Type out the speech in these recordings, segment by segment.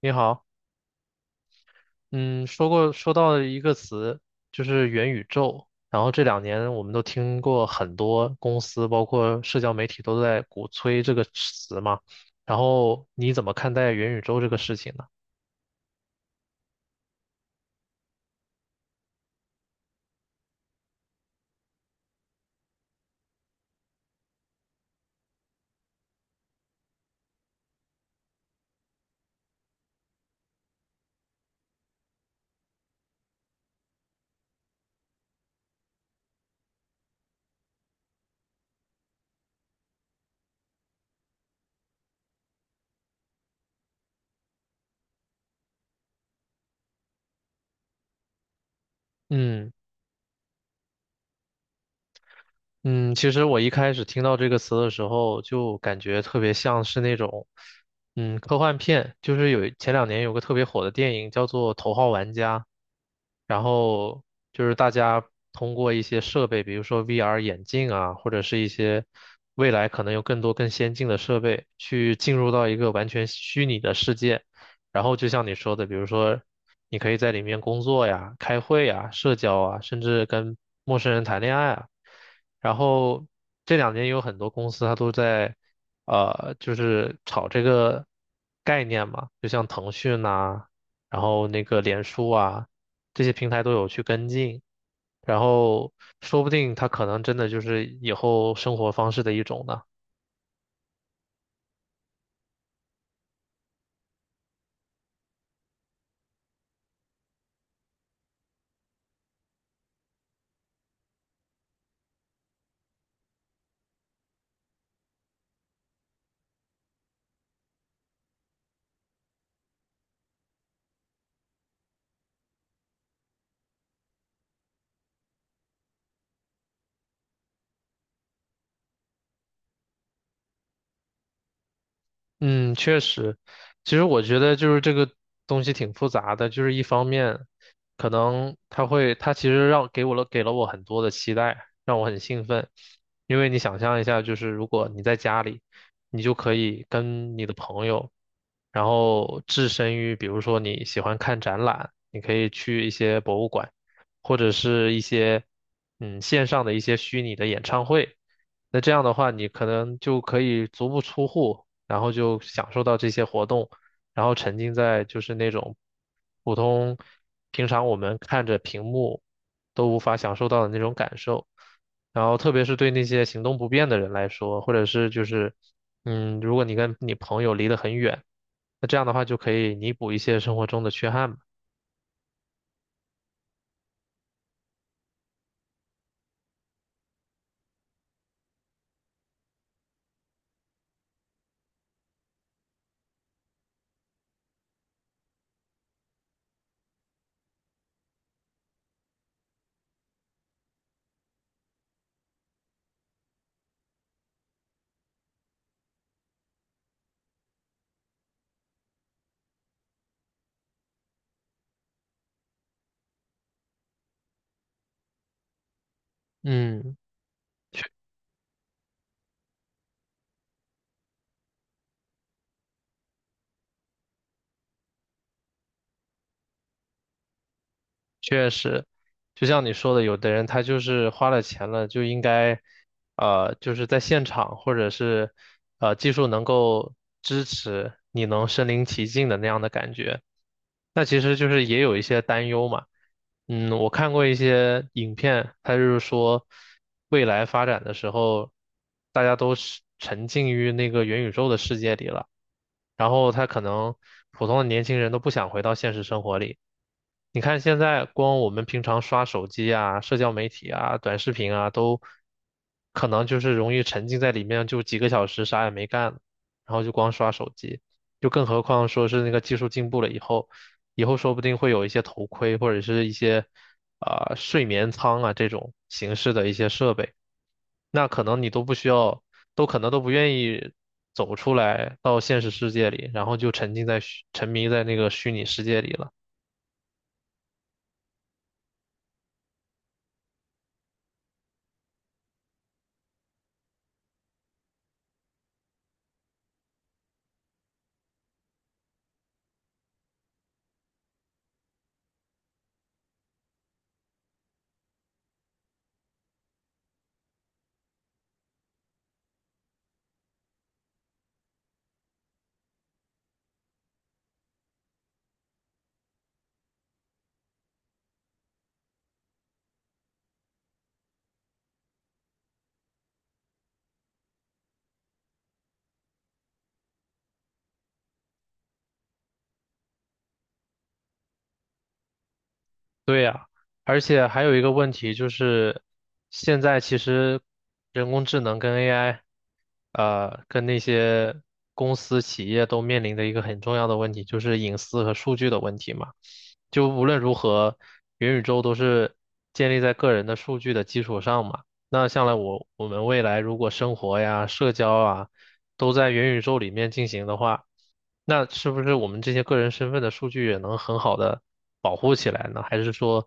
你好，嗯，说到了一个词，就是元宇宙。然后这两年我们都听过很多公司，包括社交媒体都在鼓吹这个词嘛。然后你怎么看待元宇宙这个事情呢？嗯。嗯，其实我一开始听到这个词的时候，就感觉特别像是那种，科幻片。就是有前两年有个特别火的电影叫做《头号玩家》，然后就是大家通过一些设备，比如说 VR 眼镜啊，或者是一些未来可能有更多更先进的设备，去进入到一个完全虚拟的世界。然后就像你说的，比如说你可以在里面工作呀、开会呀、社交啊，甚至跟陌生人谈恋爱啊。然后这两年有很多公司它都在，就是炒这个概念嘛，就像腾讯呐、然后那个脸书啊，这些平台都有去跟进，然后说不定它可能真的就是以后生活方式的一种呢。嗯，确实，其实我觉得就是这个东西挺复杂的，就是一方面，可能它会，它其实让给我了给了我很多的期待，让我很兴奋，因为你想象一下，就是如果你在家里，你就可以跟你的朋友，然后置身于，比如说你喜欢看展览，你可以去一些博物馆，或者是一些线上的一些虚拟的演唱会。那这样的话，你可能就可以足不出户，然后就享受到这些活动，然后沉浸在就是那种普通平常我们看着屏幕都无法享受到的那种感受。然后特别是对那些行动不便的人来说，或者是就是如果你跟你朋友离得很远，那这样的话就可以弥补一些生活中的缺憾嘛。嗯。确实，就像你说的，有的人他就是花了钱了，就应该，就是在现场或者是，技术能够支持你能身临其境的那样的感觉。那其实就是也有一些担忧嘛。我看过一些影片，它就是说，未来发展的时候，大家都是沉浸于那个元宇宙的世界里了。然后他可能普通的年轻人都不想回到现实生活里。你看现在光我们平常刷手机啊、社交媒体啊、短视频啊，都可能就是容易沉浸在里面，就几个小时啥也没干，然后就光刷手机。就更何况说是那个技术进步了以后，以后说不定会有一些头盔或者是一些啊、睡眠舱啊这种形式的一些设备。那可能你都不需要，都可能都不愿意走出来到现实世界里，然后就沉迷在那个虚拟世界里了。对呀，而且还有一个问题就是，现在其实人工智能跟 AI，跟那些公司企业都面临的一个很重要的问题，就是隐私和数据的问题嘛。就无论如何，元宇宙都是建立在个人的数据的基础上嘛。那将来我们未来如果生活呀、社交啊，都在元宇宙里面进行的话，那是不是我们这些个人身份的数据也能很好的保护起来呢？还是说，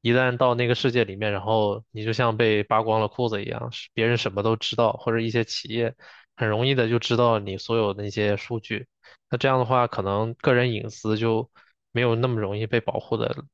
一旦到那个世界里面，然后你就像被扒光了裤子一样，是别人什么都知道，或者一些企业很容易的就知道你所有的那些数据。那这样的话，可能个人隐私就没有那么容易被保护的。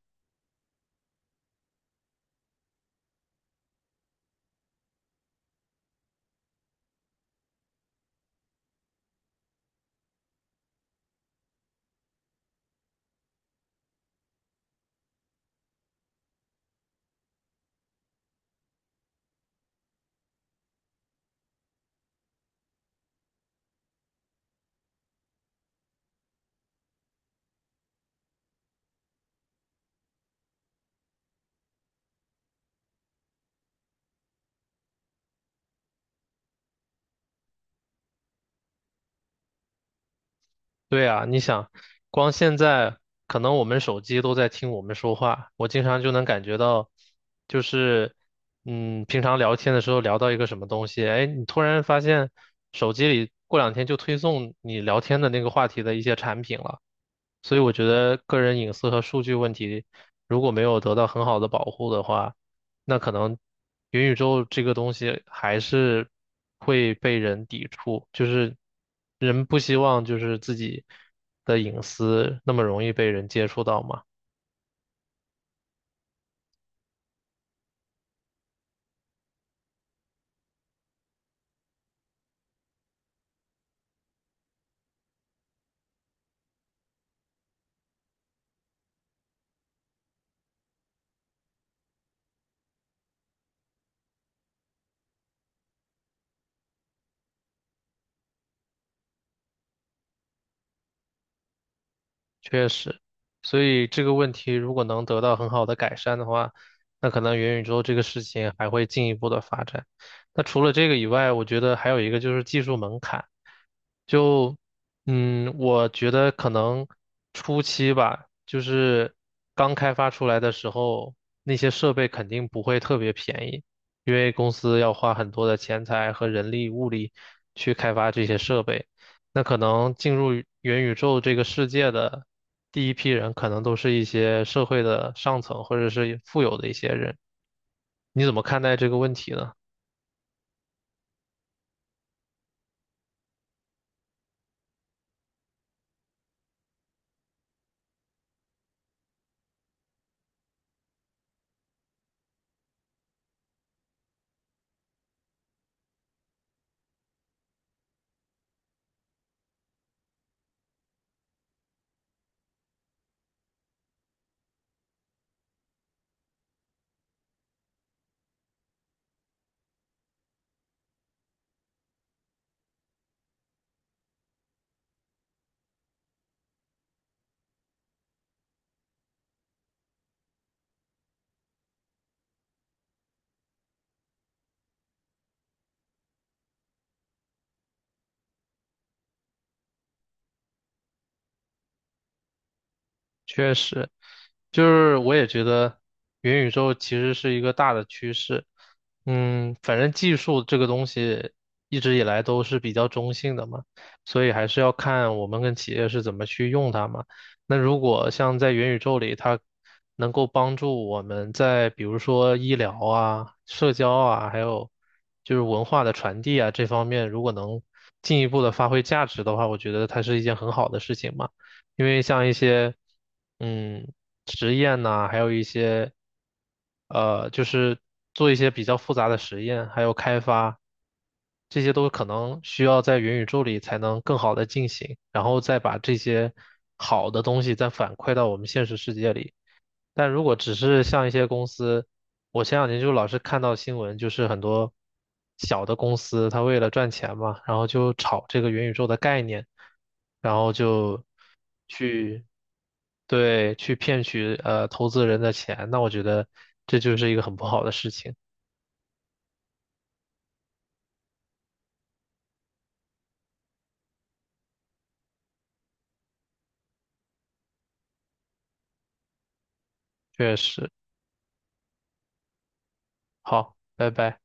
对啊，你想，光现在可能我们手机都在听我们说话，我经常就能感觉到，就是，平常聊天的时候聊到一个什么东西，哎，你突然发现手机里过两天就推送你聊天的那个话题的一些产品了。所以我觉得个人隐私和数据问题如果没有得到很好的保护的话，那可能元宇宙这个东西还是会被人抵触，就是人不希望就是自己的隐私那么容易被人接触到嘛。确实，所以这个问题如果能得到很好的改善的话，那可能元宇宙这个事情还会进一步的发展。那除了这个以外，我觉得还有一个就是技术门槛。就我觉得可能初期吧，就是刚开发出来的时候，那些设备肯定不会特别便宜，因为公司要花很多的钱财和人力物力去开发这些设备。那可能进入元宇宙这个世界的第一批人，可能都是一些社会的上层或者是富有的一些人。你怎么看待这个问题呢？确实，就是我也觉得元宇宙其实是一个大的趋势。反正技术这个东西一直以来都是比较中性的嘛，所以还是要看我们跟企业是怎么去用它嘛。那如果像在元宇宙里，它能够帮助我们在比如说医疗啊、社交啊，还有就是文化的传递啊这方面，如果能进一步的发挥价值的话，我觉得它是一件很好的事情嘛。因为像一些嗯实验呐、还有一些就是做一些比较复杂的实验，还有开发，这些都可能需要在元宇宙里才能更好的进行，然后再把这些好的东西再反馈到我们现实世界里。但如果只是像一些公司，我前两年就老是看到新闻，就是很多小的公司，它为了赚钱嘛，然后就炒这个元宇宙的概念，然后就去，对，去骗取投资人的钱，那我觉得这就是一个很不好的事情，确实。好，拜拜。